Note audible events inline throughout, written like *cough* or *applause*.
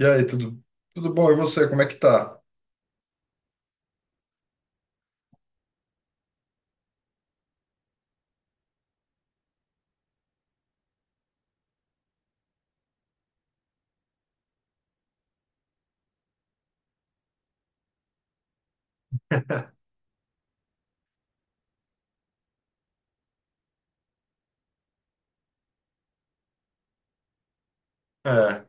E aí, tudo bom? E você, como é que tá? É.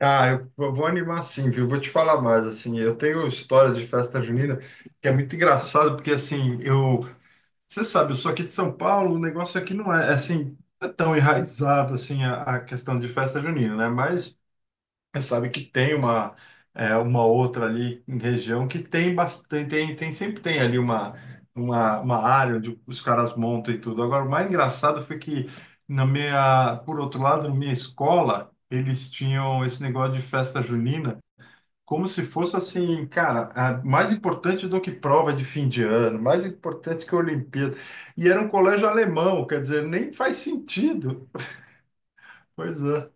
Ah, eu vou animar, sim, viu? Vou te falar mais, assim, eu tenho história de festa junina que é muito engraçado, porque, assim, eu... Você sabe, eu sou aqui de São Paulo, o negócio aqui não é, assim, não é tão enraizado, assim, a questão de festa junina, né? Mas você sabe que tem uma, é, uma outra ali em região que tem bastante, sempre tem ali uma área onde os caras montam e tudo. Agora, o mais engraçado foi que na minha, por outro lado, na minha escola, eles tinham esse negócio de festa junina como se fosse assim, cara, mais importante do que prova de fim de ano, mais importante que a Olimpíada. E era um colégio alemão, quer dizer, nem faz sentido. Pois é.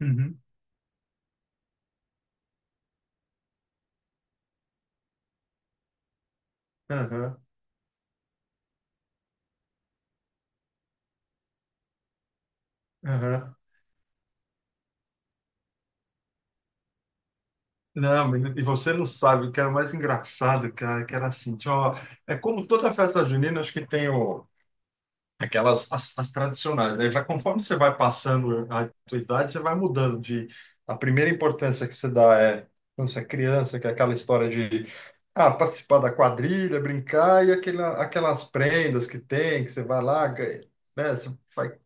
Uhum. Aham, aham. Não, menino, e você não sabe o que era mais engraçado, cara, que era assim, tinha uma- é como toda festa junina, acho que tem o, aquelas, as tradicionais, né? Já conforme você vai passando a tua idade, você vai mudando de, a primeira importância que você dá é, quando você é criança, que é aquela história de, ah, participar da quadrilha, brincar, e aquelas prendas que tem, que você vai lá, ganha, né? Você vai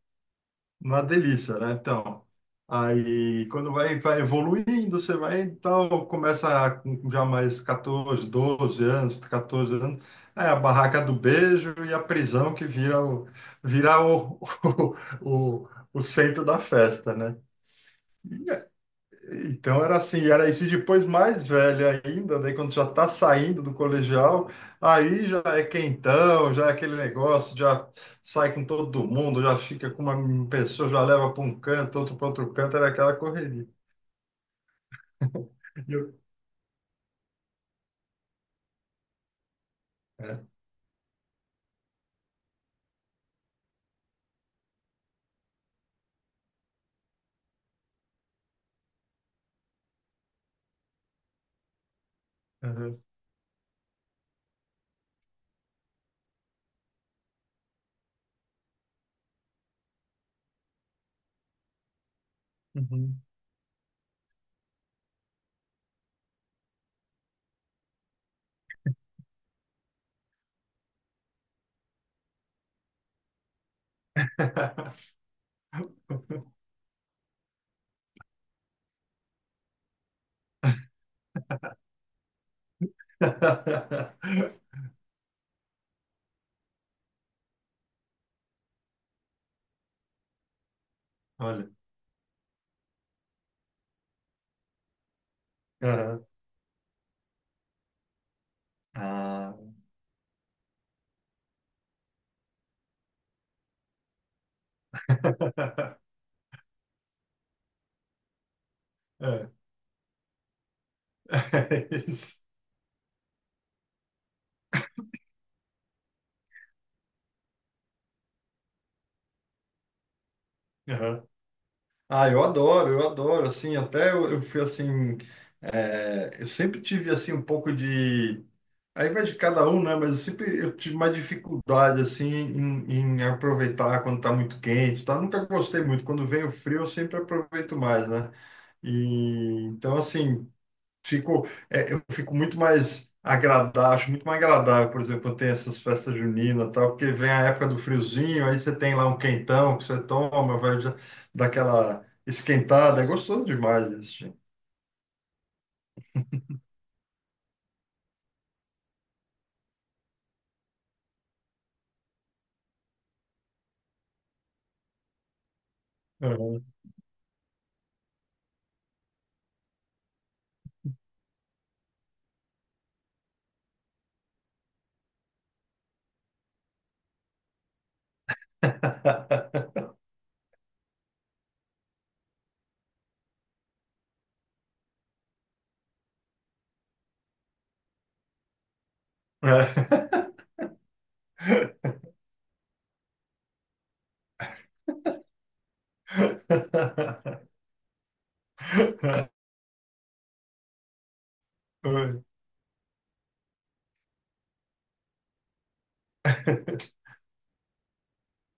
uma delícia, né? Então, aí quando vai evoluindo, você vai, então, começa com já mais 14, 12 anos, 14 anos, é a barraca do beijo e a prisão que vira o, vira o, *laughs* o centro da festa, né? E então era assim, era isso. E depois mais velha ainda, daí quando já está saindo do colegial, aí já é quentão, já é aquele negócio, já sai com todo mundo, já fica com uma pessoa, já leva para um canto, outro para outro canto, era aquela correria. *laughs* E eu- É, aham, uhum. *laughs* Olha. Aham. Ah. *laughs* É. *laughs* É isso. Aham. Ah, eu adoro, assim, até eu fui assim, é, eu sempre tive assim um pouco de, aí vai de cada um, né? Mas eu sempre eu tive mais dificuldade assim em, em aproveitar quando tá muito quente, tá? Nunca gostei muito. Quando vem o frio, eu sempre aproveito mais, né? E então assim, fico, é, eu fico muito mais agradável, acho muito mais agradável, por exemplo, quando tem essas festas juninas, e tal, porque vem a época do friozinho, aí você tem lá um quentão que você toma, vai já dar aquela esquentada, é gostoso demais isso, gente. Uhum. *laughs* É. *laughs*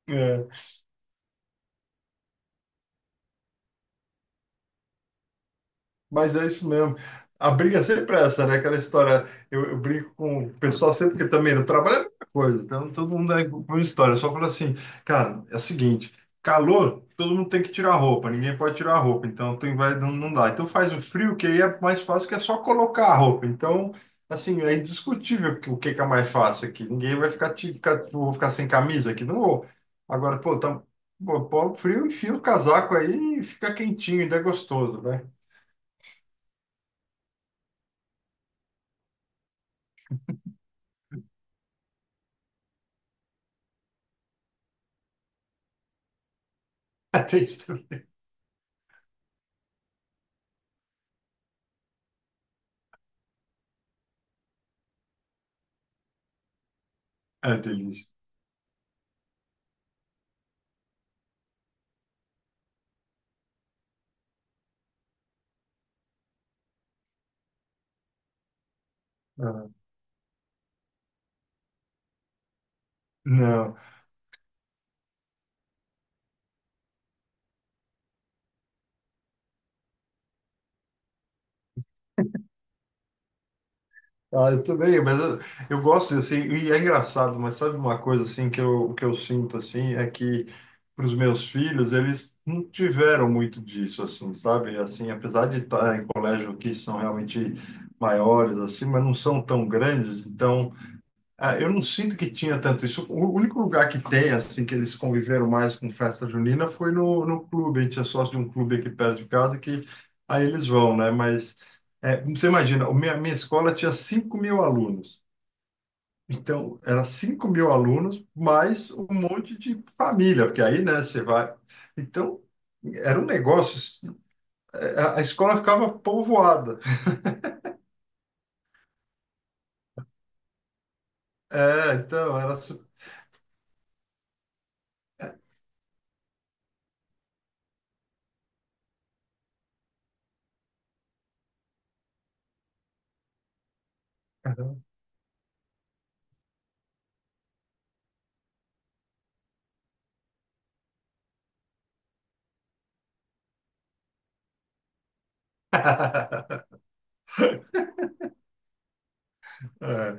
É. Mas é isso mesmo. A briga é sempre essa, né? Aquela história. Eu brigo com o pessoal sempre, porque também no trabalho é a mesma coisa. Então, todo mundo é com uma história. Eu só falo assim, cara, é o seguinte: calor, todo mundo tem que tirar a roupa, ninguém pode tirar a roupa. Então, tem, vai, não, não dá. Então, faz o frio, que aí é mais fácil, que é só colocar a roupa. Então, assim, é indiscutível que- o que, que é mais fácil aqui. Ninguém vai ficar, te- ficar, vou ficar sem camisa aqui, não vou. Agora, pô, tá, pô, pô, frio, enfia o casaco aí e fica quentinho, ainda é gostoso, né? *laughs* Atende também. Ah, tem isso. Ah, não. Ah, eu também, mas eu gosto assim, e é engraçado, mas sabe uma coisa assim que eu sinto assim, é que para os meus filhos, eles não tiveram muito disso assim, sabe? Assim, apesar de estar em colégio que são realmente maiores assim, mas não são tão grandes, então ah, eu não sinto que tinha tanto isso. O único lugar que tem, assim, que eles conviveram mais com festa junina foi no clube. A gente é sócio de um clube aqui perto de casa que aí eles vão, né? Mas é, você imagina, a minha escola tinha 5 mil alunos. Então, era 5 mil alunos mais um monte de família, porque aí, né, você vai. Então, era um negócio. A escola ficava povoada. É, então, era. Su- *laughs* É.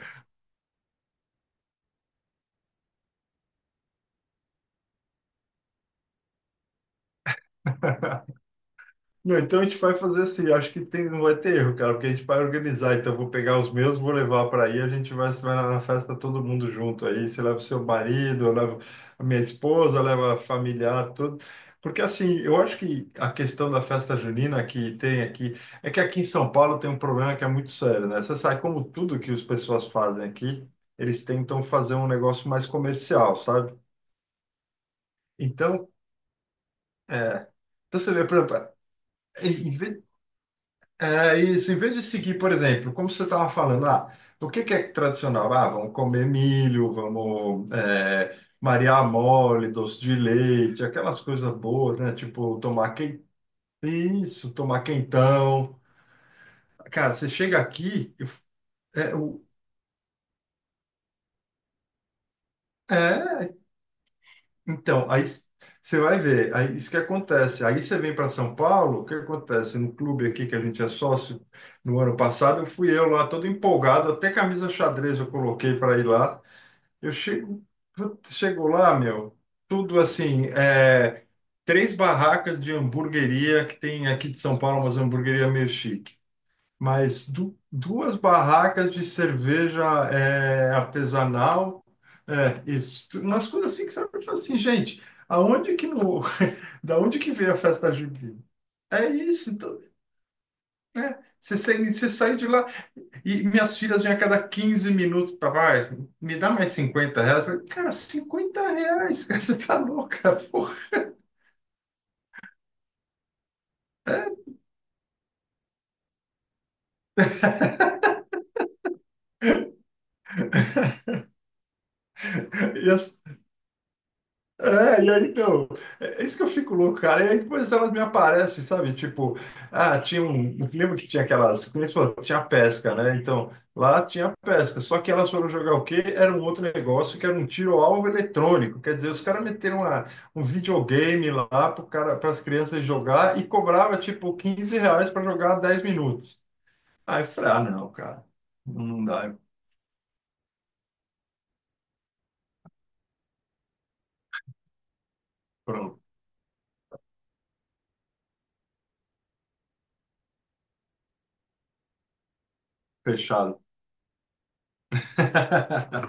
Não, então a gente vai fazer assim, acho que tem, não vai ter erro, cara, porque a gente vai organizar. Então eu vou pegar os meus, vou levar para aí, a gente vai, na festa todo mundo junto aí. Você leva o seu marido, eu levo a minha esposa, leva a familiar, tudo. Porque assim, eu acho que a questão da festa junina que tem aqui, é que aqui em São Paulo tem um problema que é muito sério, né? Você sabe, como tudo que as pessoas fazem aqui, eles tentam fazer um negócio mais comercial, sabe? Então, então você vê, por exemplo, é isso, em vez de seguir, por exemplo, como você estava falando, ah, o que que é tradicional? Ah, vamos comer milho, vamos é, Maria mole, doce de leite, aquelas coisas boas, né? Tipo, tomar quem... isso, tomar quentão. Cara, você chega aqui, é, o- é, então, aí você vai ver, aí isso que acontece. Aí você vem para São Paulo, o que acontece? No clube aqui que a gente é sócio, no ano passado, eu fui eu lá todo empolgado, até camisa xadrez eu coloquei para ir lá. Eu chego, putz, chego lá, meu, tudo assim, é, três barracas de hamburgueria que tem aqui de São Paulo, umas hamburgueria meio chique, mas duas barracas de cerveja é, artesanal, é, isso, umas coisas assim que você olha fala assim, gente, aonde que no, *laughs* da onde que veio a festa junina? É isso, então, né? Você sai de lá e minhas filhas vinham a cada 15 minutos para vai, me dá mais R$ 50. Eu falei, cara, R$ 50, *laughs* cara, você tá louca, porra. E as- É, e aí, então, é isso que eu fico louco, cara. E aí depois elas me aparecem, sabe? Tipo, ah, tinha eu lembro que tinha aquelas, como eles falam, tinha pesca, né? Então, lá tinha pesca. Só que elas foram jogar o quê? Era um outro negócio que era um tiro-alvo eletrônico. Quer dizer, os caras meteram uma, um videogame lá para as crianças jogar e cobrava, tipo, R$ 15 para jogar 10 minutos. Aí eu falei, ah, não, cara, não dá. Pronto, fechado. *laughs*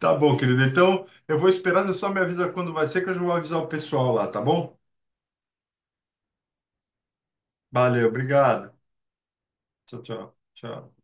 Tá bom, querido. Então, eu vou esperar. Você só me avisa quando vai ser, que eu já vou avisar o pessoal lá, tá bom? Valeu, obrigado. Tchau, tchau. Tchau.